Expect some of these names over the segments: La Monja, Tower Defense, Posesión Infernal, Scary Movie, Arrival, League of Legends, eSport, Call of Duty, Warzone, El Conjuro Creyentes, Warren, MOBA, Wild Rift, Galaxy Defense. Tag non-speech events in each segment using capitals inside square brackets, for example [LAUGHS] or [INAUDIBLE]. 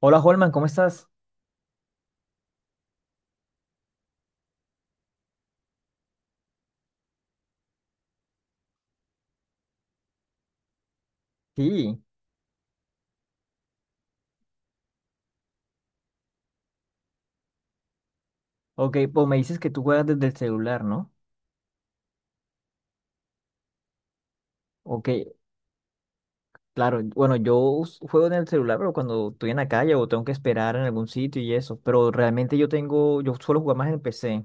Hola, Holman, ¿cómo estás? Sí, ok, pues me dices que tú juegas desde el celular, ¿no? Ok, claro, bueno, juego en el celular, pero cuando estoy en la calle o tengo que esperar en algún sitio y eso, pero realmente yo suelo jugar más en PC,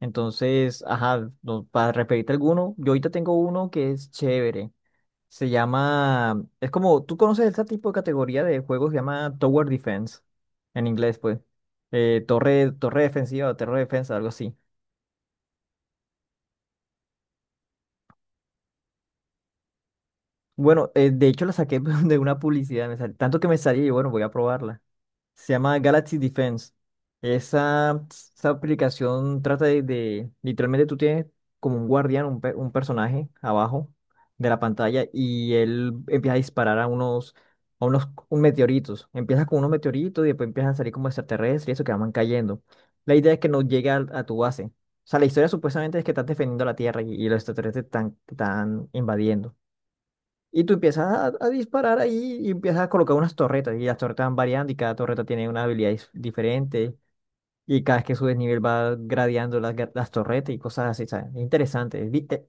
entonces, ajá, no, para referirte a alguno, yo ahorita tengo uno que es chévere, se llama, es como, ¿tú conoces este tipo de categoría de juegos? Se llama Tower Defense, en inglés, pues, torre defensiva o torre defensa, algo así. Bueno, de hecho la saqué [LAUGHS] de una publicidad, tanto que me salía y bueno, voy a probarla. Se llama Galaxy Defense. Esa aplicación trata literalmente tú tienes como un guardián, un personaje abajo de la pantalla y él empieza a disparar a unos un meteoritos. Empiezas con unos meteoritos y después empiezan a salir como extraterrestres y eso que van cayendo. La idea es que no llegue al- a, tu base. O sea, la historia supuestamente es que estás defendiendo la Tierra y los extraterrestres están invadiendo. Y tú empiezas a disparar ahí y empiezas a colocar unas torretas y las torretas van variando y cada torreta tiene una diferente y cada vez que subes nivel va gradeando las torretas y cosas así, ¿sabes? Es interesante.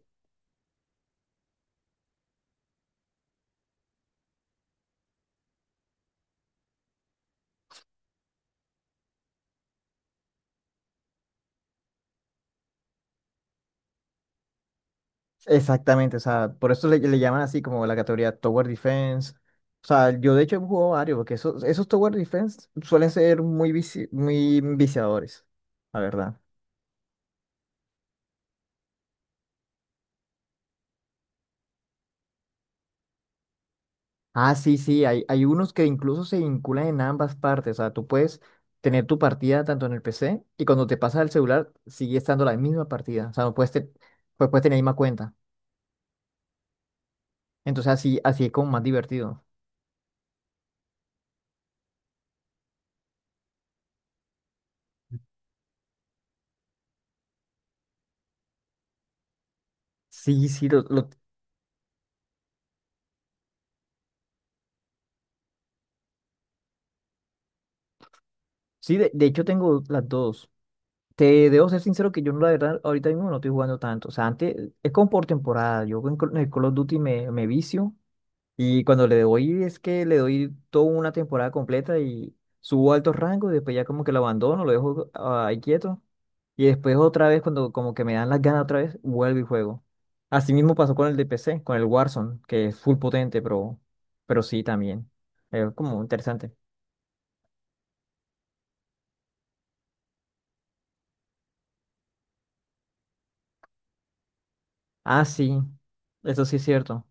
Exactamente, o sea, por eso le llaman así como la categoría Tower Defense. O sea, yo de hecho he jugado varios porque esos Tower Defense suelen ser muy viciadores, la verdad. Ah, sí, sí, hay unos que incluso se vinculan en ambas partes. O sea, tú puedes tener tu partida tanto en el PC y cuando te pasas al celular sigue estando la misma partida. O sea, no puedes, te- pues puedes tener la misma cuenta. Entonces así es como más divertido. Sí, sí, sí, de hecho tengo las dos. Te debo ser sincero que yo la verdad ahorita mismo no estoy jugando tanto. O sea, antes es como por temporada. En el Call of Duty me vicio. Y cuando le doy, es que le doy toda una temporada completa y subo a altos rangos y después ya como que lo abandono, lo dejo ahí quieto. Y después otra vez, cuando como que me dan las ganas otra vez, vuelvo y juego. Así mismo pasó con el de P C con el Warzone, que es full potente, pero sí también. Es como interesante. Ah, sí, eso sí es cierto.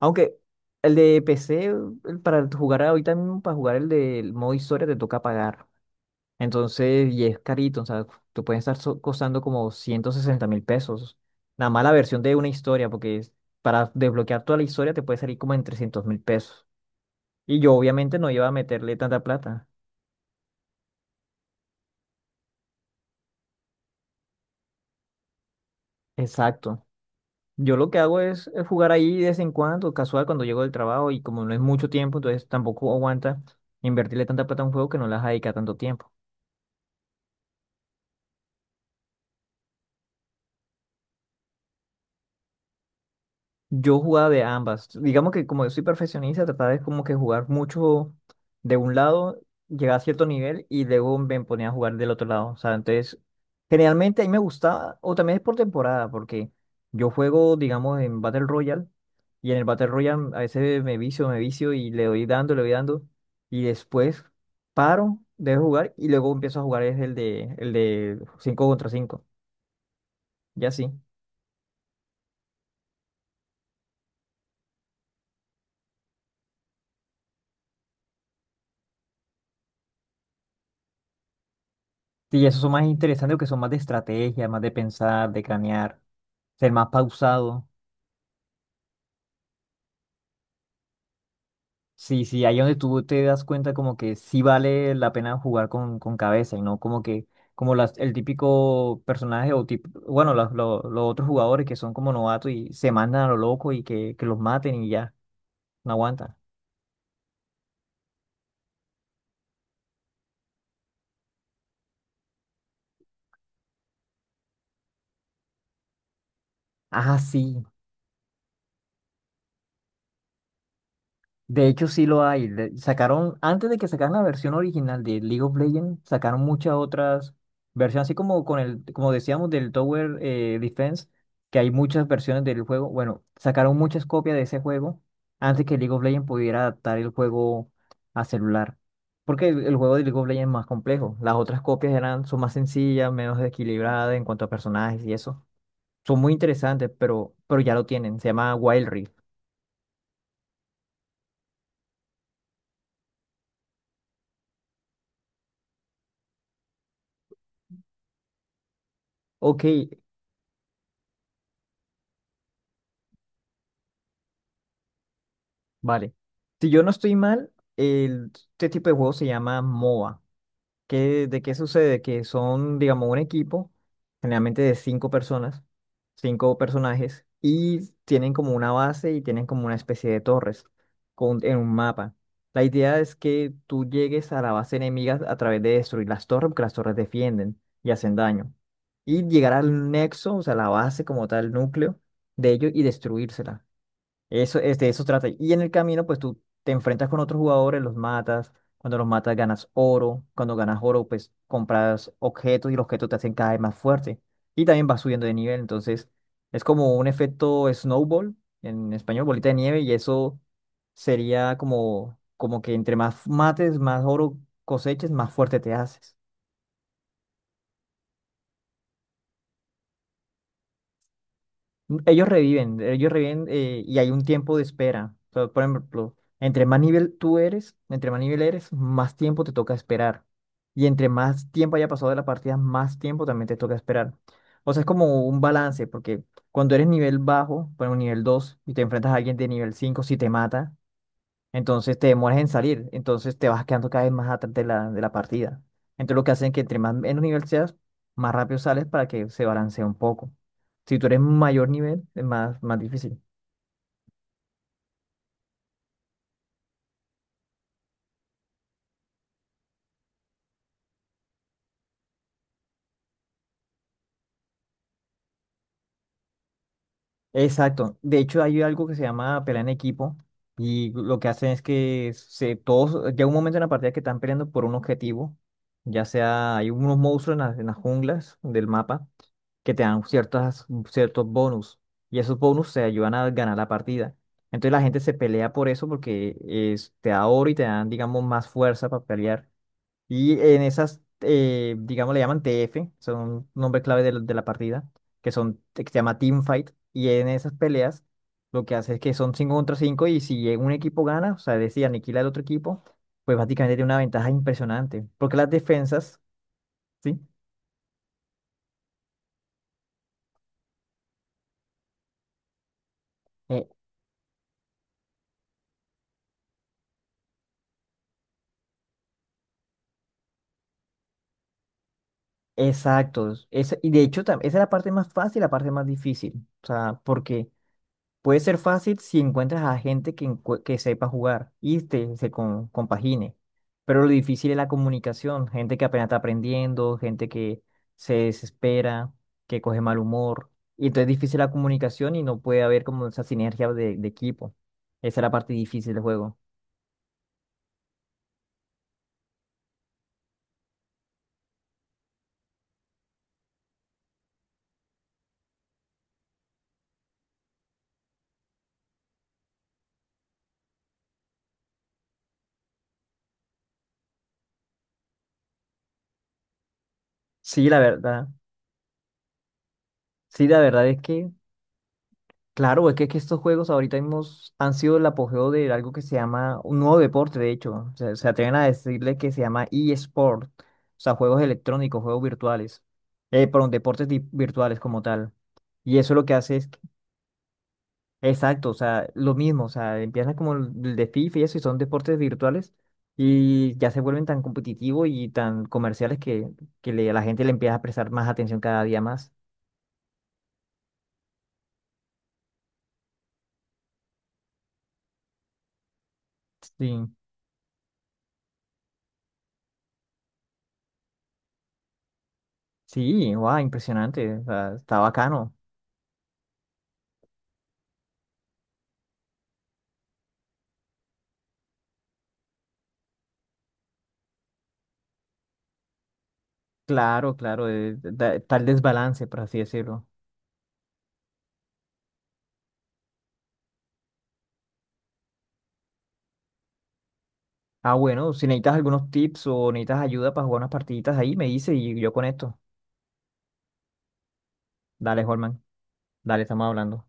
Aunque el de PC, el- para jugar ahorita mismo, para jugar el del modo historia te toca pagar. Entonces, y es carito, o sea, te pueden estar so- costando como 160 mil pesos. Nada más la versión de una historia, para desbloquear toda la historia te puede salir como en 300 mil pesos. Y yo obviamente no iba a meterle tanta plata. Exacto. Yo lo que hago es, jugar ahí de vez en cuando, casual, cuando llego del trabajo y como no es mucho tiempo, entonces tampoco aguanta invertirle tanta plata a un juego que no las dedica tanto tiempo. Yo jugaba de ambas. Digamos que como yo soy perfeccionista, trataba de como que jugar mucho de un lado, llegaba a cierto nivel y luego me ponía a jugar del otro lado. O sea, entonces, generalmente a mí me gustaba, o también es por temporada, porque yo juego, digamos, en Battle Royale y en el Battle Royale a veces me vicio y le doy dando y después paro de jugar y luego empiezo a jugar es el de 5 contra cinco. Ya sí. Sí, esos son más interesantes porque son más de estrategia, más de pensar, de cranear, ser más pausado. Sí, sí, ahí donde tú te das cuenta como que sí vale la pena jugar con cabeza y no como que, como las, el típico personaje o tipo, bueno, los otros jugadores que son como novatos y se mandan a lo loco que los maten y ya, no aguantan. Ah, sí. De hecho, sí lo hay. Sacaron, antes de que sacaran la versión original de League of Legends, sacaron muchas otras versiones, así como con el, como decíamos, del Tower Defense, que hay muchas versiones del juego. Bueno, sacaron muchas copias de ese juego antes que League of Legends pudiera adaptar el juego a celular. Porque el juego de League of Legends es más complejo. Las otras copias eran, son más sencillas, menos equilibradas en cuanto a personajes y eso. Son muy interesantes, pero ya lo tienen. Se llama Wild Rift. Ok, vale. Si yo no estoy mal, este tipo de juego se llama MOBA. ¿Qué, de qué sucede? Que son, digamos, un equipo, generalmente de cinco personas, cinco personajes, y tienen como una base y tienen como una especie de torres con, en un mapa. La idea es que tú llegues a la base enemiga a través de destruir las torres, porque las torres defienden y hacen daño. Y llegar al nexo, o sea, la base como tal, núcleo de ellos y destruírsela. Eso, es de eso trata. Y en el camino, pues tú te enfrentas con otros jugadores, los matas. Cuando los matas, ganas oro. Cuando ganas oro, pues compras objetos y los objetos te hacen cada vez más fuerte. Y también vas subiendo de nivel. Entonces, es como un efecto snowball, en español, bolita de nieve. Y eso sería como, como que entre más mates, más oro coseches, más fuerte te haces. Ellos reviven, y hay un tiempo de espera. O sea, por ejemplo, entre más nivel eres, más tiempo te toca esperar. Y entre más tiempo haya pasado de la partida, más tiempo también te toca esperar. O sea, es como un balance, porque cuando eres nivel bajo, por ejemplo, nivel 2 y te enfrentas a alguien de nivel 5 si te mata, entonces te demoras en salir, entonces te vas quedando cada vez más atrás de la partida. Entonces lo que hacen es que entre más menos nivel seas, más rápido sales para que se balancee un poco. Si tú eres mayor nivel, es más difícil. Exacto. De hecho, hay algo que se llama pelea en equipo y lo que hacen es que se, todos, llega un momento en la partida que están peleando por un objetivo, ya sea hay unos monstruos en las junglas del mapa que te dan ciertos bonus y esos bonus te ayudan a ganar la partida. Entonces la gente se pelea por eso porque te da oro y te dan, digamos, más fuerza para pelear. Y en esas, digamos, le llaman TF, son nombres clave de la partida, que se llama Team Fight. Y en esas peleas lo que hace es que son 5 contra 5 y si un equipo gana, o sea, decía aniquila al otro equipo, pues básicamente tiene una ventaja impresionante. Porque las defensas, ¿sí? Eh, exacto. Y de hecho, esa es la parte más fácil, la parte más difícil. O sea, porque puede ser fácil si encuentras a gente que sepa jugar compagine. Pero lo difícil es la comunicación. Gente que apenas está aprendiendo, gente que se desespera, que coge mal humor. Y entonces es difícil la comunicación y no puede haber como esa sinergia de equipo. Esa es la parte difícil del juego. Sí, la verdad. Sí, la verdad es que claro, es que estos juegos ahorita mismo han sido el apogeo de algo que se llama un nuevo deporte, de hecho. O sea, se atreven a decirle que se llama eSport, o sea, juegos electrónicos, juegos virtuales, perdón, virtuales como tal. Y eso lo que hace es, exacto, o sea, lo mismo, o sea, empiezan como el de FIFA y eso, y son deportes virtuales, y ya se vuelven tan competitivos y tan comerciales que, a la gente le empieza a prestar más atención cada día más. Sí, sí, wow, impresionante, o sea, está bacano. Claro, claro, tal desbalance, por así decirlo. Ah, bueno, si necesitas algunos tips o necesitas ayuda para jugar unas partiditas ahí, me dices y yo con esto. Dale, Holman. Dale, estamos hablando.